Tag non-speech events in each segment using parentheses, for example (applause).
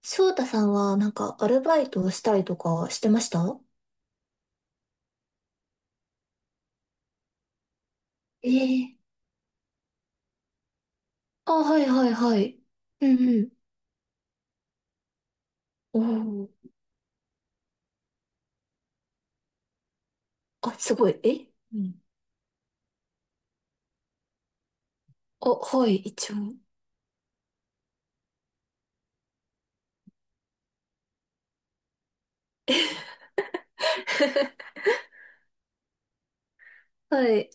翔太さんはなんかアルバイトをしたりとかしてました？ええ。あ、はいはいはい。うんうん。おお。あ、すごい。えうん。あ、はい、一応。(laughs) はい。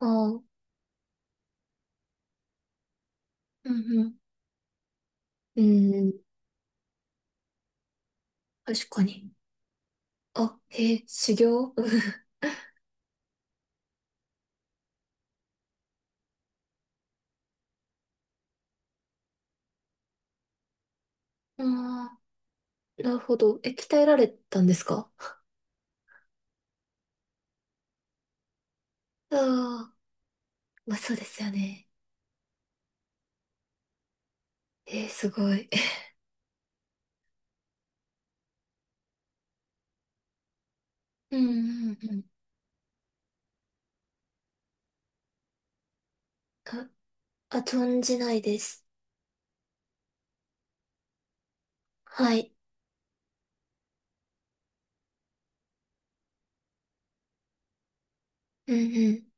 あー、うんうん。うんうん、確かに。あ、へえ、修行。うん (laughs) あー、なるほど。え、鍛えられたんですか？ああー、まあそうですよね。えー、すごい。(laughs) うんうんうん。あ、あ、存じないです。はい。うんうん。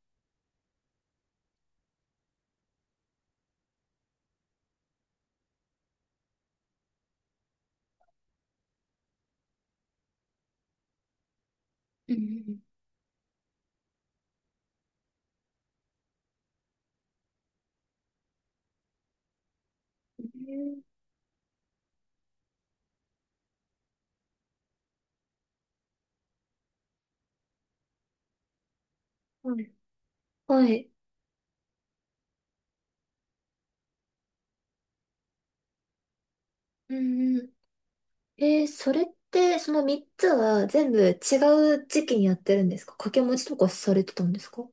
うんうん。えー、はいはい。うんうん。えー、それって、その3つは全部違う時期にやってるんですか？掛け持ちとかされてたんですか？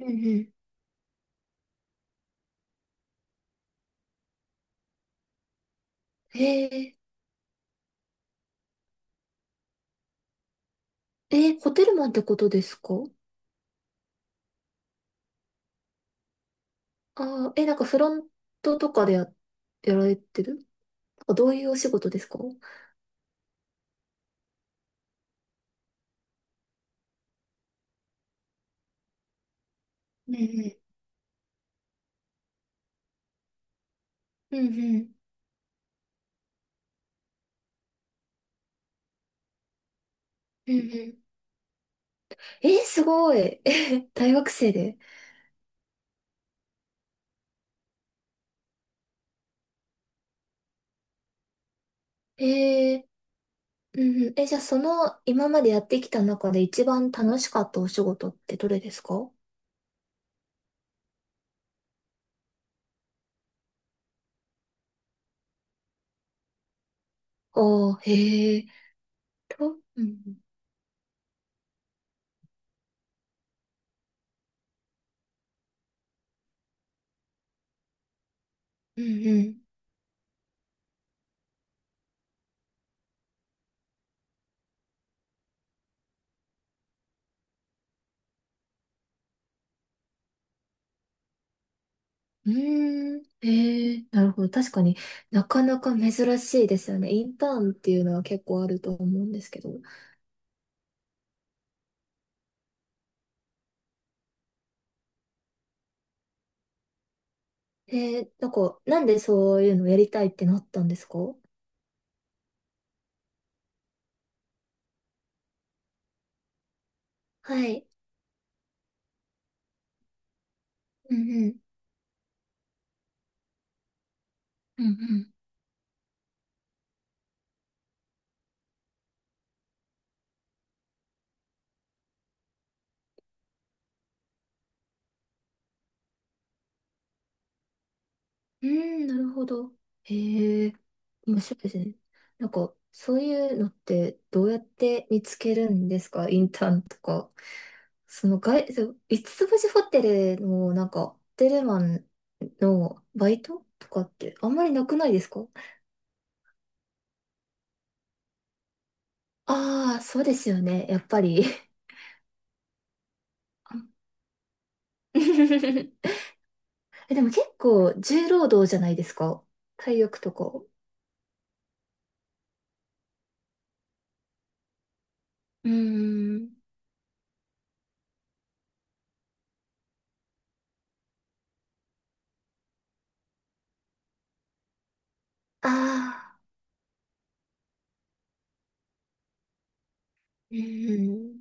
うんうん。えー、えーホテルマンってことですか？ああー、えーなんかフロントとかでやられてる、なんかどういうお仕事ですか？うんうん。うんうん。うんうん。えー、すごい。(laughs) 大学生で。えー、うんうん。え、じゃあその今までやってきた中で一番楽しかったお仕事ってどれですか？ああ、へえ、と、うん、うん、うん。うーん、へえ、なるほど。確かになかなか珍しいですよね。インターンっていうのは結構あると思うんですけど。へえ、なんか、なんでそういうのやりたいってなったんですか？はい。うんうん。うんうん。うーん、なるほど。へえ、面白いですね。なんか、そういうのってどうやって見つけるんですか？インターンとか。その外、そう五つ星ホテルのなんか、ホテルマンのバイトとかってあんまりなくないですか？ああー、そうですよね。やっぱり。あ。 (laughs) え、でも結構重労働じゃないですか？体力とか。うーん。ああ、うーん。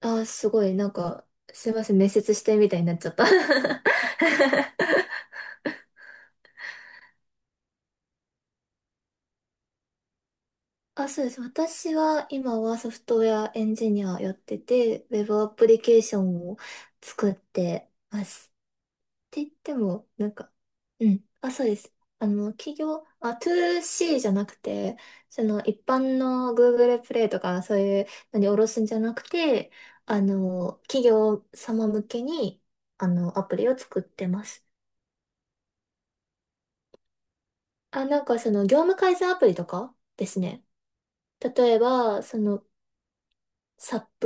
ああ、すごい、なんか、すいません、面接してみたいになっちゃった。(laughs) あ、そうです。私は今はソフトウェアエンジニアやってて、ウェブアプリケーションを作ってます。って言っても、なんか、うん。あ、そうです。あの、企業、あ、トゥーシ c じゃなくて、その一般の Google プレイとかそういうのに下ろすんじゃなくて、あの、企業様向けに、あの、アプリを作ってます。あ、なんかその業務改善アプリとかですね。例えば、その、SAP。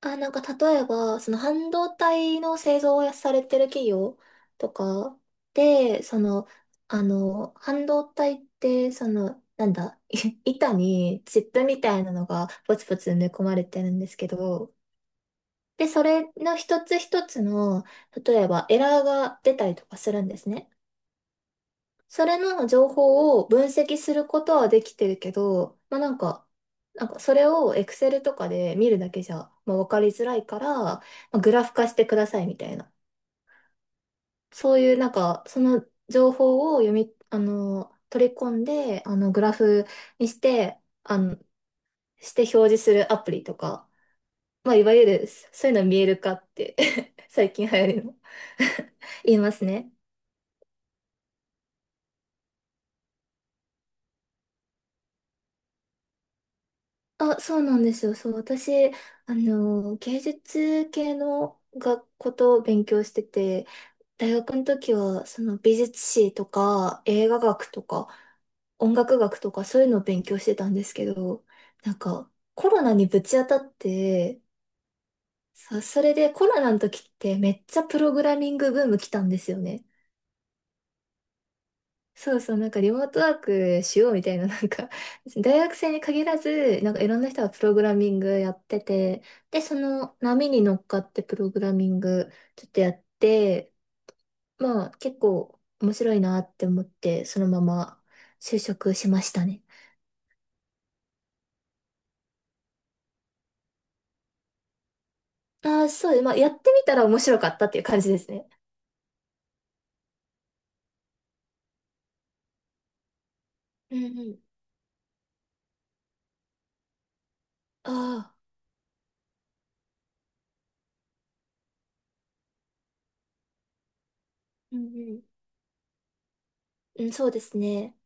あ、なんか例えば、その半導体の製造をされてる企業とかで、その、あの、半導体って、その、なんだ、(laughs) い板にチップみたいなのがポツポツ埋め込まれてるんですけど、で、それの一つ一つの、例えばエラーが出たりとかするんですね。それの情報を分析することはできてるけど、まあなんか、なんかそれを Excel とかで見るだけじゃ、まあ、わかりづらいから、まあ、グラフ化してくださいみたいな。そういうなんか、その情報を読み、あの、取り込んで、あの、グラフにして、あの、表示するアプリとか、まあいわゆるそういうの見える化って (laughs) 最近流行りの (laughs) 言いますね。あ、そうなんですよ。そう、私、あの、芸術系の学ことを勉強してて、大学の時は、その美術史とか、映画学とか、音楽学とか、そういうのを勉強してたんですけど、なんか、コロナにぶち当たって、それでコロナの時ってめっちゃプログラミングブーム来たんですよね。そうそう、なんかリモートワークしようみたいな、(laughs) なんか、大学生に限らず、なんかいろんな人がプログラミングやってて、で、その波に乗っかってプログラミングちょっとやって、まあ結構面白いなって思って、そのまま就職しましたね。ああ、そうです、まあやってみたら面白かったっていう感じですね。うんうん。ああ、うんうん。うん、そうですね。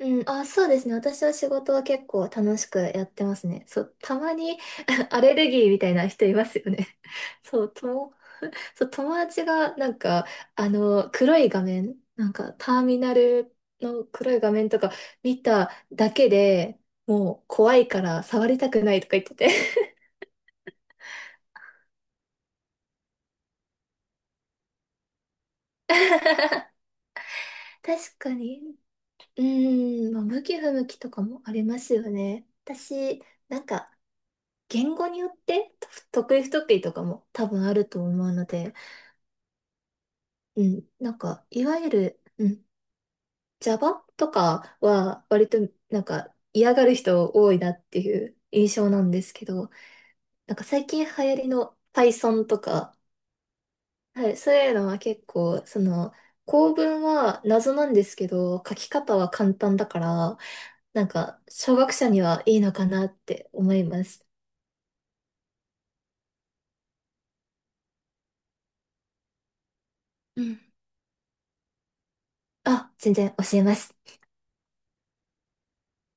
うん、あ、そうですね。私は仕事は結構楽しくやってますね。そう、たまに (laughs) アレルギーみたいな人いますよね。(laughs) そう、とも、そう、友達がなんか、あの、黒い画面、なんかターミナルの黒い画面とか見ただけでもう怖いから触りたくないとか言ってて。(laughs) 確かに。うーん、まあ、向き不向きとかもありますよね。私、なんか、言語によってと得意不得意とかも多分あると思うので、うん、なんか、いわゆる、うん、Java とかは割となんか嫌がる人多いなっていう印象なんですけど、なんか最近流行りの Python とか、はい、そういうのは結構、その、構文は謎なんですけど、書き方は簡単だから、なんか、小学者にはいいのかなって思います。うん。あ、全然教えます。